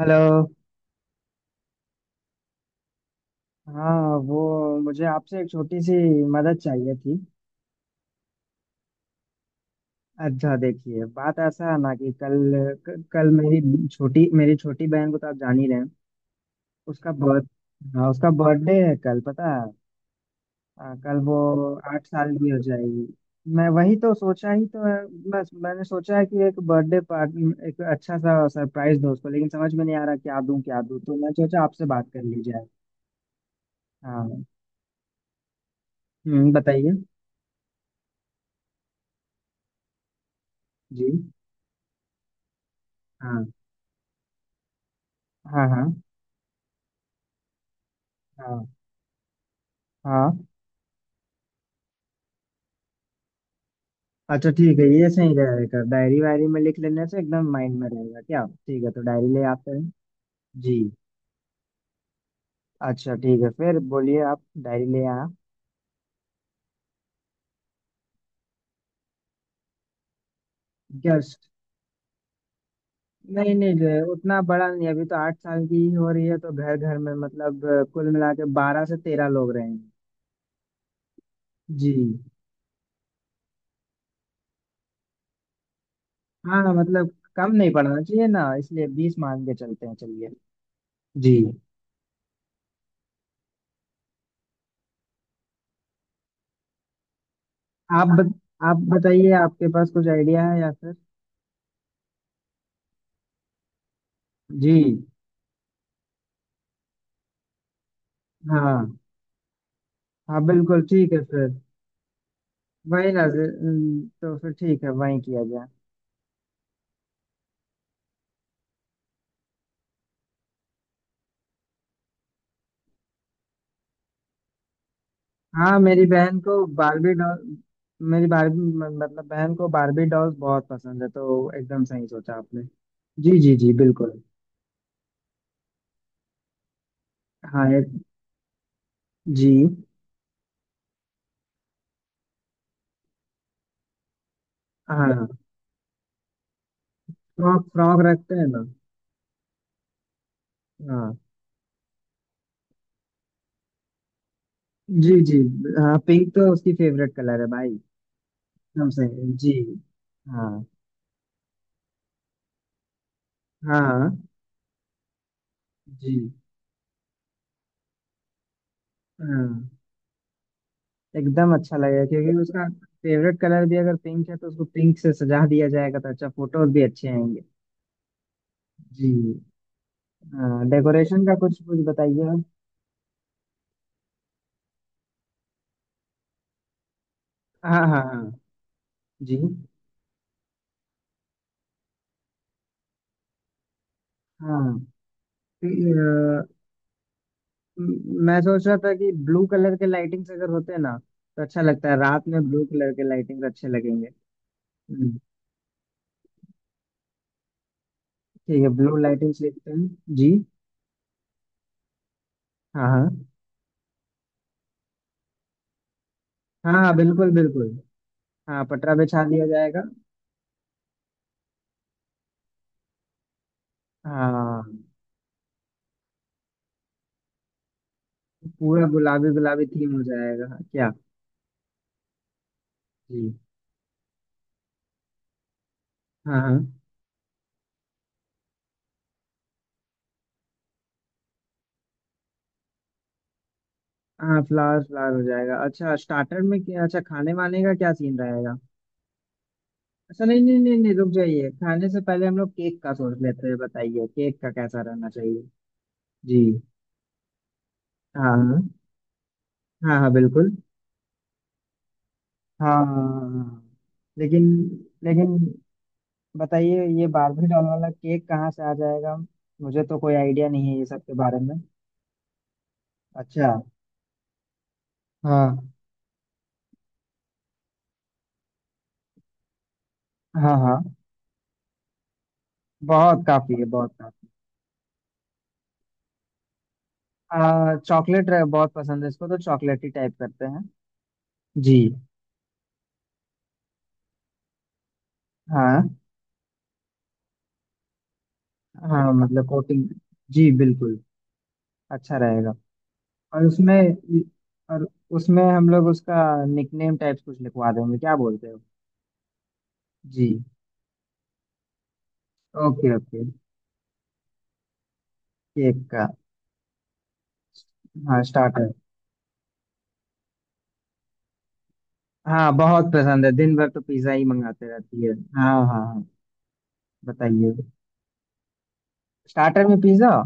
Hello. हाँ, वो मुझे आपसे एक छोटी सी मदद चाहिए थी। अच्छा, देखिए, बात ऐसा है ना कि कल कल मेरी छोटी बहन को तो आप जान ही रहे हैं। उसका बर्थ। हाँ, उसका बर्थडे है कल, पता है? कल वो 8 साल की हो जाएगी। मैं वही तो सोचा ही तो है। बस मैंने सोचा है कि एक बर्थडे पार्टी, एक अच्छा सा सरप्राइज दो उसको, लेकिन समझ में नहीं आ रहा क्या दूं क्या दूं, तो मैं सोचा आपसे बात कर ली जाए। हाँ। हम्म, बताइए। जी। हाँ। हाँ। हाँ। हाँ। हाँ। अच्छा ठीक है, ये सही रहेगा, डायरी वायरी में लिख लेने से एकदम माइंड में रहेगा। क्या ठीक है, तो डायरी ले आते हैं। जी। अच्छा ठीक है, फिर बोलिए, आप डायरी ले आया। गेस्ट। नहीं नहीं रे, उतना बड़ा नहीं, अभी तो 8 साल की ही हो रही है, तो घर घर में मतलब कुल मिला के 12 से 13 लोग रहेंगे। जी। हाँ, मतलब कम नहीं पड़ना चाहिए ना, इसलिए 20 मान के चलते हैं, चलिए। जी। आप बत, आप बताइए आपके पास कुछ आइडिया है या फिर। जी। हाँ, हाँ, बिल्कुल ठीक है, फिर वही ना जी, तो फिर ठीक है वही किया जाए। हाँ, मेरी बहन को बारबी डॉल। मेरी बारबी मतलब बहन को बारबी डॉल्स बहुत पसंद है, तो एकदम सही सोचा आपने। जी, जी, जी, बिल्कुल। हाँ, एक। जी। हाँ। हाँ। फ्रॉक फ्रॉक रखते हैं ना। हाँ। जी, जी। हाँ, पिंक तो उसकी फेवरेट कलर है, भाई। एकदम सही जी। हाँ, हाँ। जी। हाँ, एकदम अच्छा लगेगा क्योंकि उसका फेवरेट कलर भी अगर पिंक है, तो उसको पिंक से सजा दिया जाएगा, तो अच्छा फोटोज भी अच्छे आएंगे। जी। हाँ, डेकोरेशन का कुछ कुछ बताइए आप। हाँ, हाँ, हाँ। जी। हाँ। तो, अ, मैं सोच रहा था कि ब्लू कलर के लाइटिंग्स अगर होते ना तो अच्छा लगता है, रात में ब्लू कलर के लाइटिंग्स अच्छे लगेंगे। हम्म, ठीक है, ब्लू लाइटिंग्स लिखते हैं। जी। हाँ, हाँ। हाँ, हाँ, बिल्कुल बिल्कुल। हाँ, पटरा बिछा दिया जाएगा। हाँ, पूरा गुलाबी गुलाबी थीम हो जाएगा। क्या। जी। हाँ, हाँ। हाँ, फ्लावर फ्लावर हो जाएगा। अच्छा, स्टार्टर में क्या अच्छा खाने वाने का क्या सीन रहेगा? अच्छा, नहीं नहीं नहीं नहीं, रुक जाइए, खाने से पहले हम लोग केक का सोच लेते हैं, बताइए केक का कैसा रहना चाहिए। जी। हाँ, हाँ, हाँ। हाँ, बिल्कुल। हाँ, हाँ, हाँ, हाँ। लेकिन लेकिन बताइए, ये बार्बी डॉल वाला केक कहाँ से आ जाएगा। मुझे तो कोई आइडिया नहीं है ये सब के बारे में। अच्छा। हाँ। हाँ, हाँ। बहुत काफी है, बहुत काफी। आ चॉकलेट बहुत पसंद है इसको, तो चॉकलेट ही टाइप करते हैं। जी। हाँ। हाँ, मतलब कोटिंग। जी, बिल्कुल। अच्छा रहेगा। और उसमें और उसमें हम लोग उसका निकनेम टाइप्स कुछ लिखवा देंगे, क्या बोलते हो? जी। Okay, okay. केक का। हाँ, स्टार्टर। हाँ, बहुत पसंद है, दिन भर तो पिज्ज़ा ही मंगाते रहती है। हाँ, हाँ, हाँ। बताइए। स्टार्टर में पिज्ज़ा।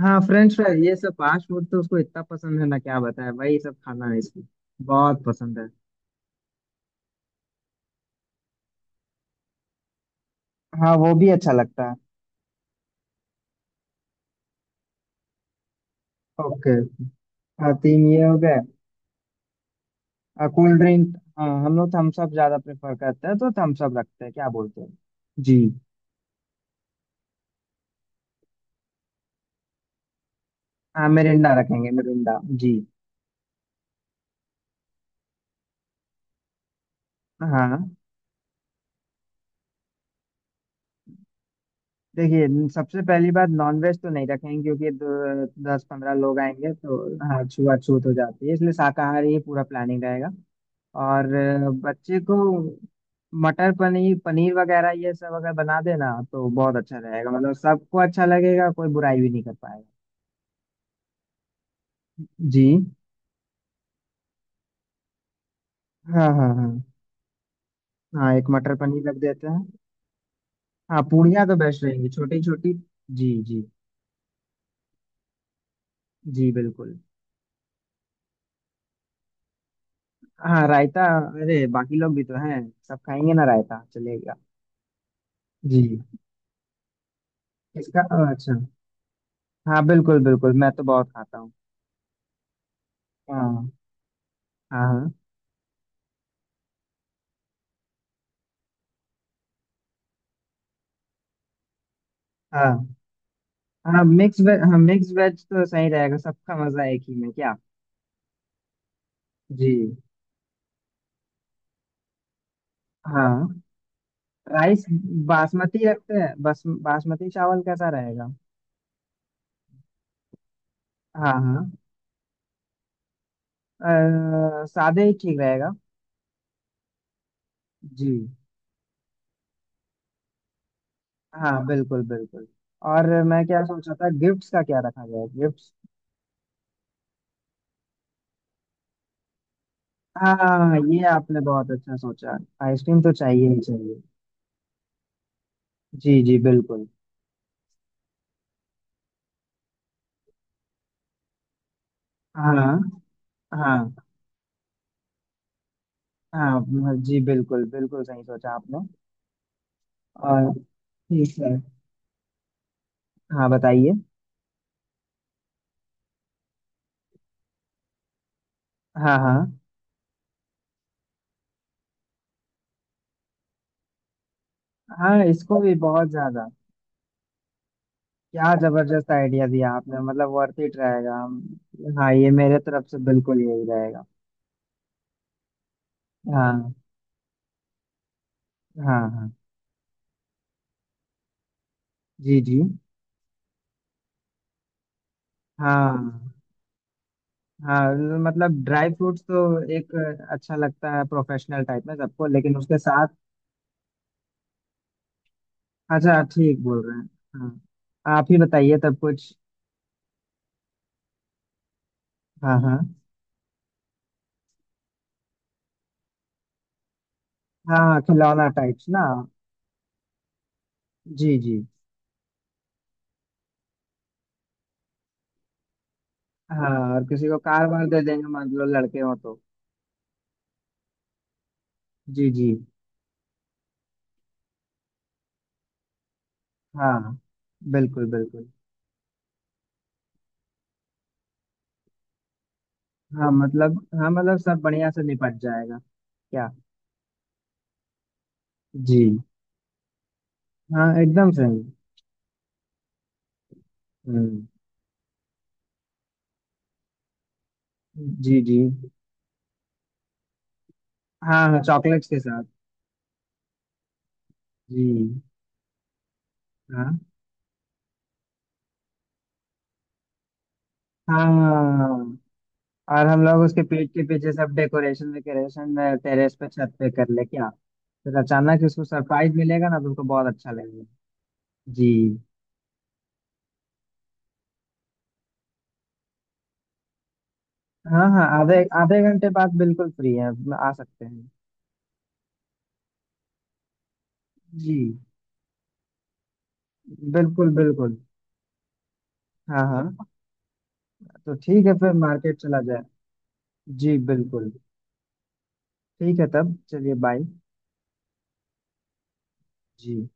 हाँ, फ्रेंच फ्राइज, ये सब फास्ट फूड तो उसको इतना पसंद है ना, क्या बताए, वही सब खाना है इसको। बहुत पसंद है। हाँ, वो भी अच्छा लगता है। ओके। हाँ, तीन ये हो गए। कोल्ड ड्रिंक, हाँ, हम लोग थम्स अप ज्यादा प्रेफर करते हैं, तो थम्स अप रखते हैं, क्या बोलते हैं? जी। हाँ, मिरिंडा रखेंगे मिरिंडा। जी। हाँ, देखिए, सबसे पहली बात, नॉनवेज तो नहीं रखेंगे क्योंकि 10-15 लोग आएंगे, तो हाँ छूआछूत हो जाती है, इसलिए शाकाहारी ही पूरा प्लानिंग रहेगा। और बच्चे को मटर पनीर, पनीर वगैरह ये सब अगर बना देना तो बहुत अच्छा रहेगा, मतलब सबको अच्छा लगेगा, कोई बुराई भी नहीं कर पाएगा। जी, हाँ, हाँ, हाँ। हाँ, एक मटर पनीर रख देते हैं। हाँ, पूड़ियाँ तो बेस्ट रहेंगी छोटी छोटी। जी, जी। जी, बिल्कुल। हाँ, रायता। अरे, बाकी लोग भी तो हैं, सब खाएंगे ना, रायता चलेगा। जी। इसका। अच्छा। हाँ, बिल्कुल बिल्कुल, मैं तो बहुत खाता हूँ। हाँ। हाँ। हाँ, हाँ मिक्स वेज। हाँ, मिक्स वेज तो सही रहेगा, सबका मजा एक ही में, क्या। जी। हाँ, राइस। बासमती रखते हैं बस, बासमती चावल कैसा रहेगा? हाँ, हाँ। सादे ही ठीक रहेगा। जी। हाँ, बिल्कुल बिल्कुल। और मैं क्या सोच रहा था, गिफ्ट्स का क्या रखा जाए, गिफ्ट्स? हाँ, ये आपने बहुत अच्छा सोचा। आइसक्रीम तो चाहिए ही चाहिए। जी, जी, बिल्कुल। हाँ, हाँ, हाँ। हाँ, जी, बिल्कुल बिल्कुल सही सोचा आपने। और। ठीक है। हाँ, बताइए। हाँ, हाँ। हाँ, इसको भी बहुत ज्यादा। क्या जबरदस्त आइडिया दिया आपने, मतलब वर्थ इट रहेगा, हम। हाँ, ये मेरे तरफ से बिल्कुल यही रहेगा। हाँ, हाँ। हाँ। जी, जी। हाँ। हाँ, मतलब ड्राई फ्रूट्स तो एक अच्छा लगता है प्रोफेशनल टाइप में सबको, लेकिन उसके साथ। अच्छा, ठीक बोल रहे हैं। हाँ, आप ही बताइए तब कुछ। हाँ, हाँ। हाँ, खिलौना टाइप्स ना। जी, जी। हाँ, और किसी को कार वार दे देंगे, मान लो लड़के हो तो। जी, जी। हाँ, बिल्कुल बिल्कुल। हाँ, मतलब, हाँ, मतलब सब बढ़िया से निपट जाएगा। क्या। जी। हाँ, एकदम सही। हम्म। जी, जी। हाँ, हाँ, चॉकलेट्स के साथ। जी। हाँ। हाँ, और हम लोग उसके पीठ के पीछे सब डेकोरेशन वेकोरेशन। टेरेस पे, छत पे कर ले क्या? फिर अचानक उसको सरप्राइज मिलेगा ना, तो उसको बहुत अच्छा लगेगा। जी। हाँ, हाँ, आधे आधे घंटे बाद बिल्कुल फ्री है। आ सकते हैं। जी। बिल्कुल बिल्कुल। हाँ, हाँ। तो ठीक है, फिर मार्केट चला जाए। जी, बिल्कुल। ठीक है, तब चलिए, बाय। जी।